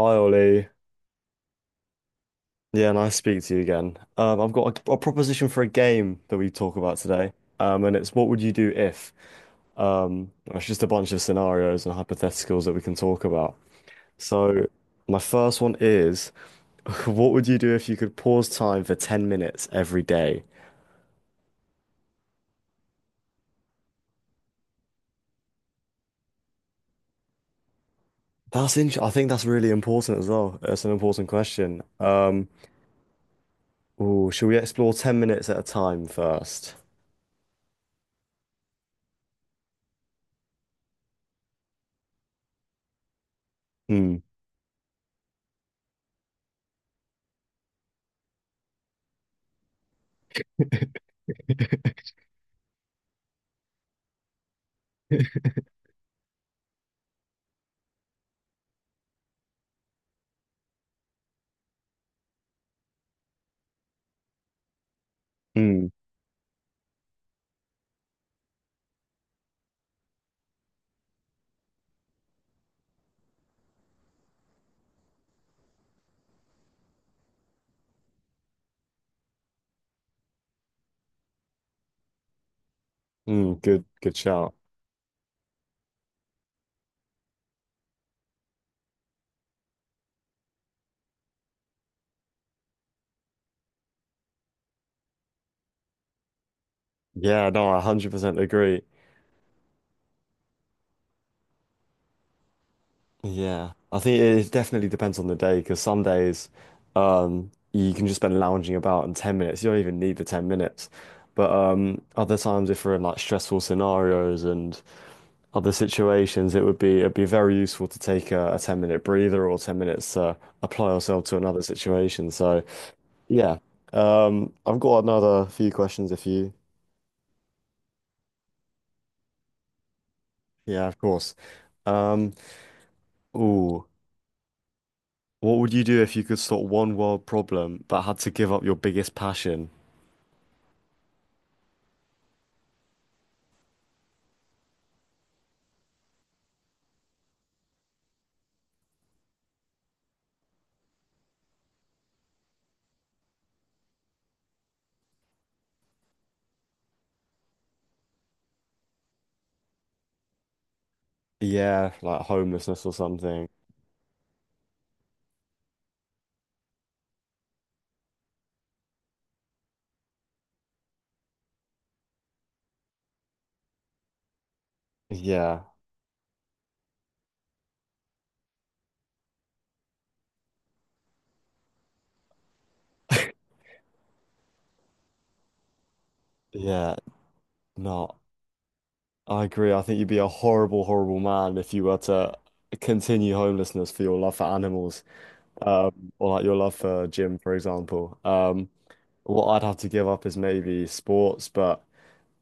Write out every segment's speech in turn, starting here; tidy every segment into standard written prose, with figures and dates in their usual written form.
Hi Ollie. Yeah, nice to speak to you again. I've got a proposition for a game that we talk about today. And it's what would you do if? It's just a bunch of scenarios and hypotheticals that we can talk about. So my first one is, what would you do if you could pause time for 10 minutes every day? I think that's really important as well. It's an important question. Ooh, should we explore 10 minutes at a time first? Hmm. Hmm. Hmm. Good, good shout. Yeah, no, I 100% agree. Yeah, I think it definitely depends on the day because some days you can just spend lounging about in 10 minutes. You don't even need the 10 minutes. But other times, if we're in like stressful scenarios and other situations, it'd be very useful to take a 10-minute breather or 10 minutes to apply yourself to another situation. So yeah, I've got another few questions if you, yeah, of course. Um, Ooh, what would you do if you could sort one world problem but had to give up your biggest passion? Yeah, like homelessness or something. Yeah, yeah, no, I agree. I think you'd be a horrible, horrible man if you were to continue homelessness for your love for animals, um, or like your love for gym, for example. What I'd have to give up is maybe sports, but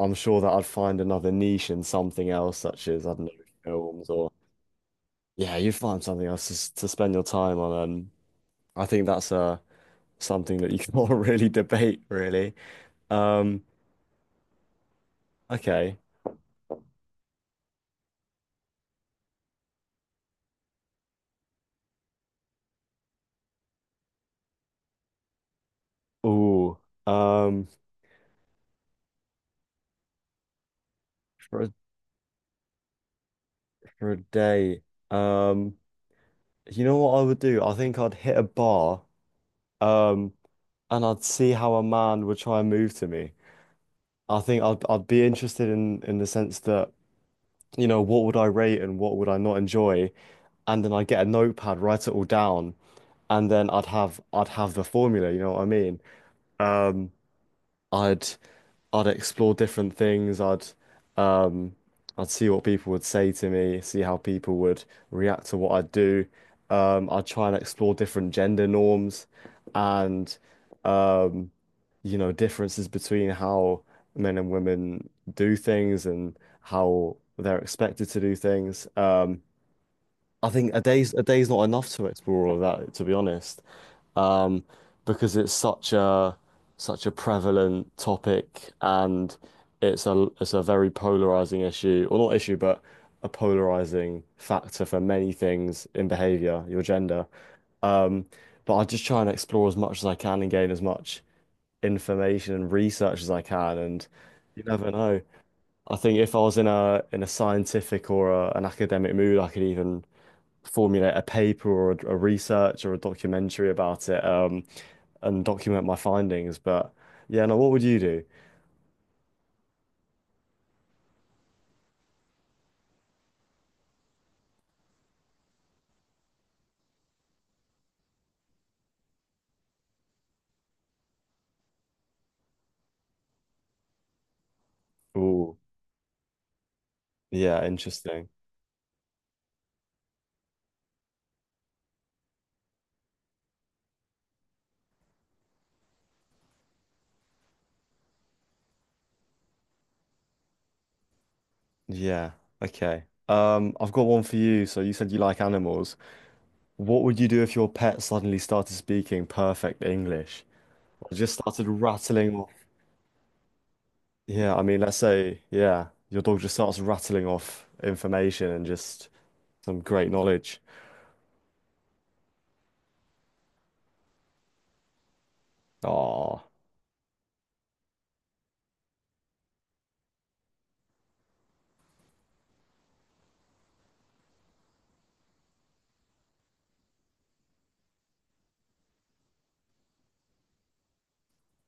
I'm sure that I'd find another niche in something else, such as, I don't know, films or yeah, you'd find something else to spend your time on. And I think that's something that you can't really debate, really. Um, okay. Oh, um, for a, for a day, um, you know what I would do? I think I'd hit a bar, um, and I'd see how a man would try and move to me. I think I'd be interested in the sense that, what would I rate and what would I not enjoy? And then I'd get a notepad, write it all down, and then I'd have the formula, you know what I mean? Um, I'd I'd explore different things. Um I'd see what people would say to me, see how people would react to what I do. I'd try and explore different gender norms and um, differences between how men and women do things and how they're expected to do things. I think a day's not enough to explore all of that, to be honest, um, because it's such a prevalent topic and it's a very polarizing issue, or not issue, but a polarizing factor for many things in behavior, your gender. Um, but I just try and explore as much as I can and gain as much information and research as I can, and you never know. I think if I was in a scientific or an academic mood, I could even formulate a paper or a research or a documentary about it and document my findings. But yeah, now what would you do? Oh, yeah, interesting. Yeah, okay. I've got one for you. So you said you like animals. What would you do if your pet suddenly started speaking perfect English? Or just started rattling off. Yeah, I mean, let's say, yeah, your dog just starts rattling off information and just some great knowledge. Oh,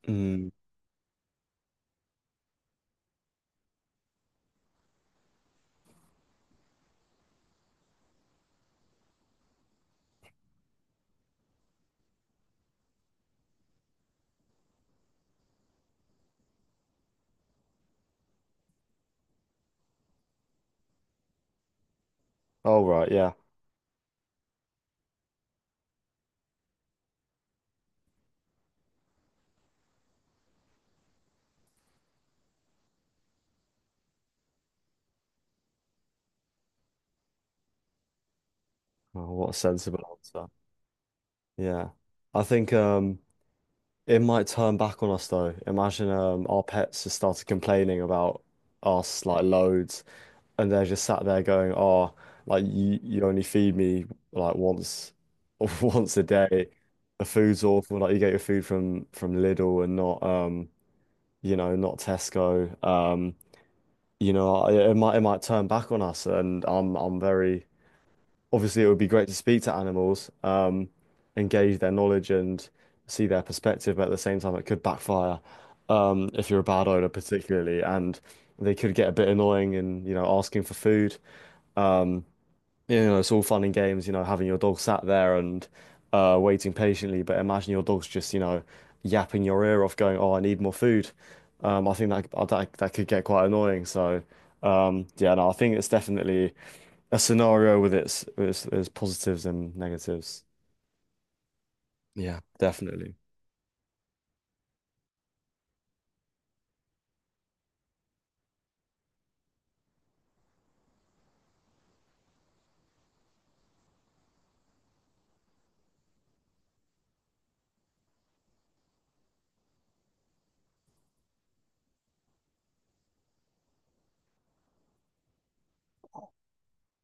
mm. All right, yeah. Oh, what a sensible answer. Yeah. I think it might turn back on us though. Imagine our pets just started complaining about us like loads and they're just sat there going, Oh, like you only feed me like once once a day. The food's awful, like you get your food from Lidl and not Tesco. It might turn back on us and I'm very obviously it would be great to speak to animals, engage their knowledge and see their perspective, but at the same time it could backfire if you're a bad owner particularly, and they could get a bit annoying and asking for food. Um, it's all fun and games, having your dog sat there and waiting patiently, but imagine your dog's just yapping your ear off, going, "Oh, I need more food." I think that that could get quite annoying. So yeah, no, I think it's definitely a scenario with its positives and negatives. Yeah. Definitely.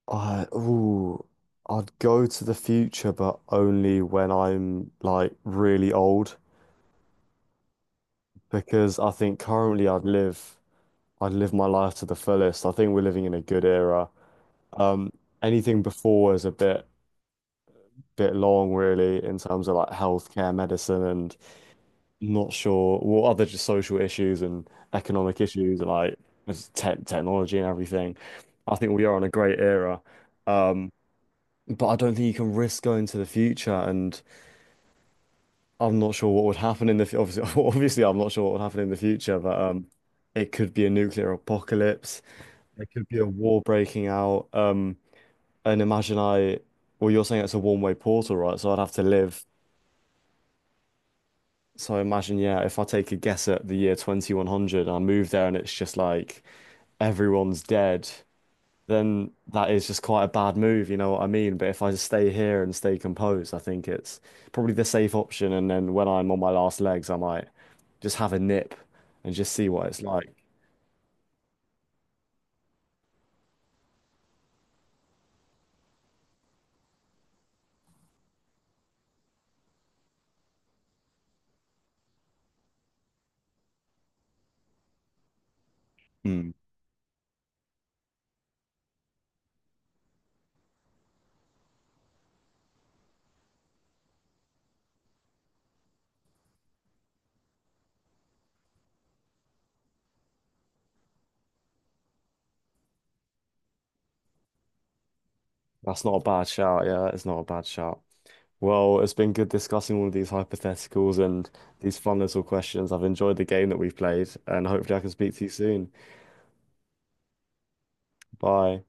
Mm. I'd go to the future, but only when I'm like really old, because I think currently I'd live my life to the fullest. I think we're living in a good era. Um, Anything before is a bit long, really, in terms of like healthcare, medicine, and not sure what other just social issues and economic issues and like just te technology and everything. I think we are in a great era. Um, but I don't think you can risk going to the future and I'm not sure what would happen in the obviously obviously I'm not sure what would happen in the future, but it could be a nuclear apocalypse. It could be a war breaking out. And imagine I well you're saying it's a one-way portal, right? So I'd have to live. So I imagine, yeah, if I take a guess at the year 2100 I move there and it's just like everyone's dead, then that is just quite a bad move, you know what I mean? But if I just stay here and stay composed, I think it's probably the safe option. And then when I'm on my last legs, I might just have a nip and just see what it's like. Hmm. That's not a bad shout. Yeah, it's not a bad shout. Well, it's been good discussing all of these hypotheticals and these fun little questions. I've enjoyed the game that we've played, and hopefully I can speak to you soon. Bye.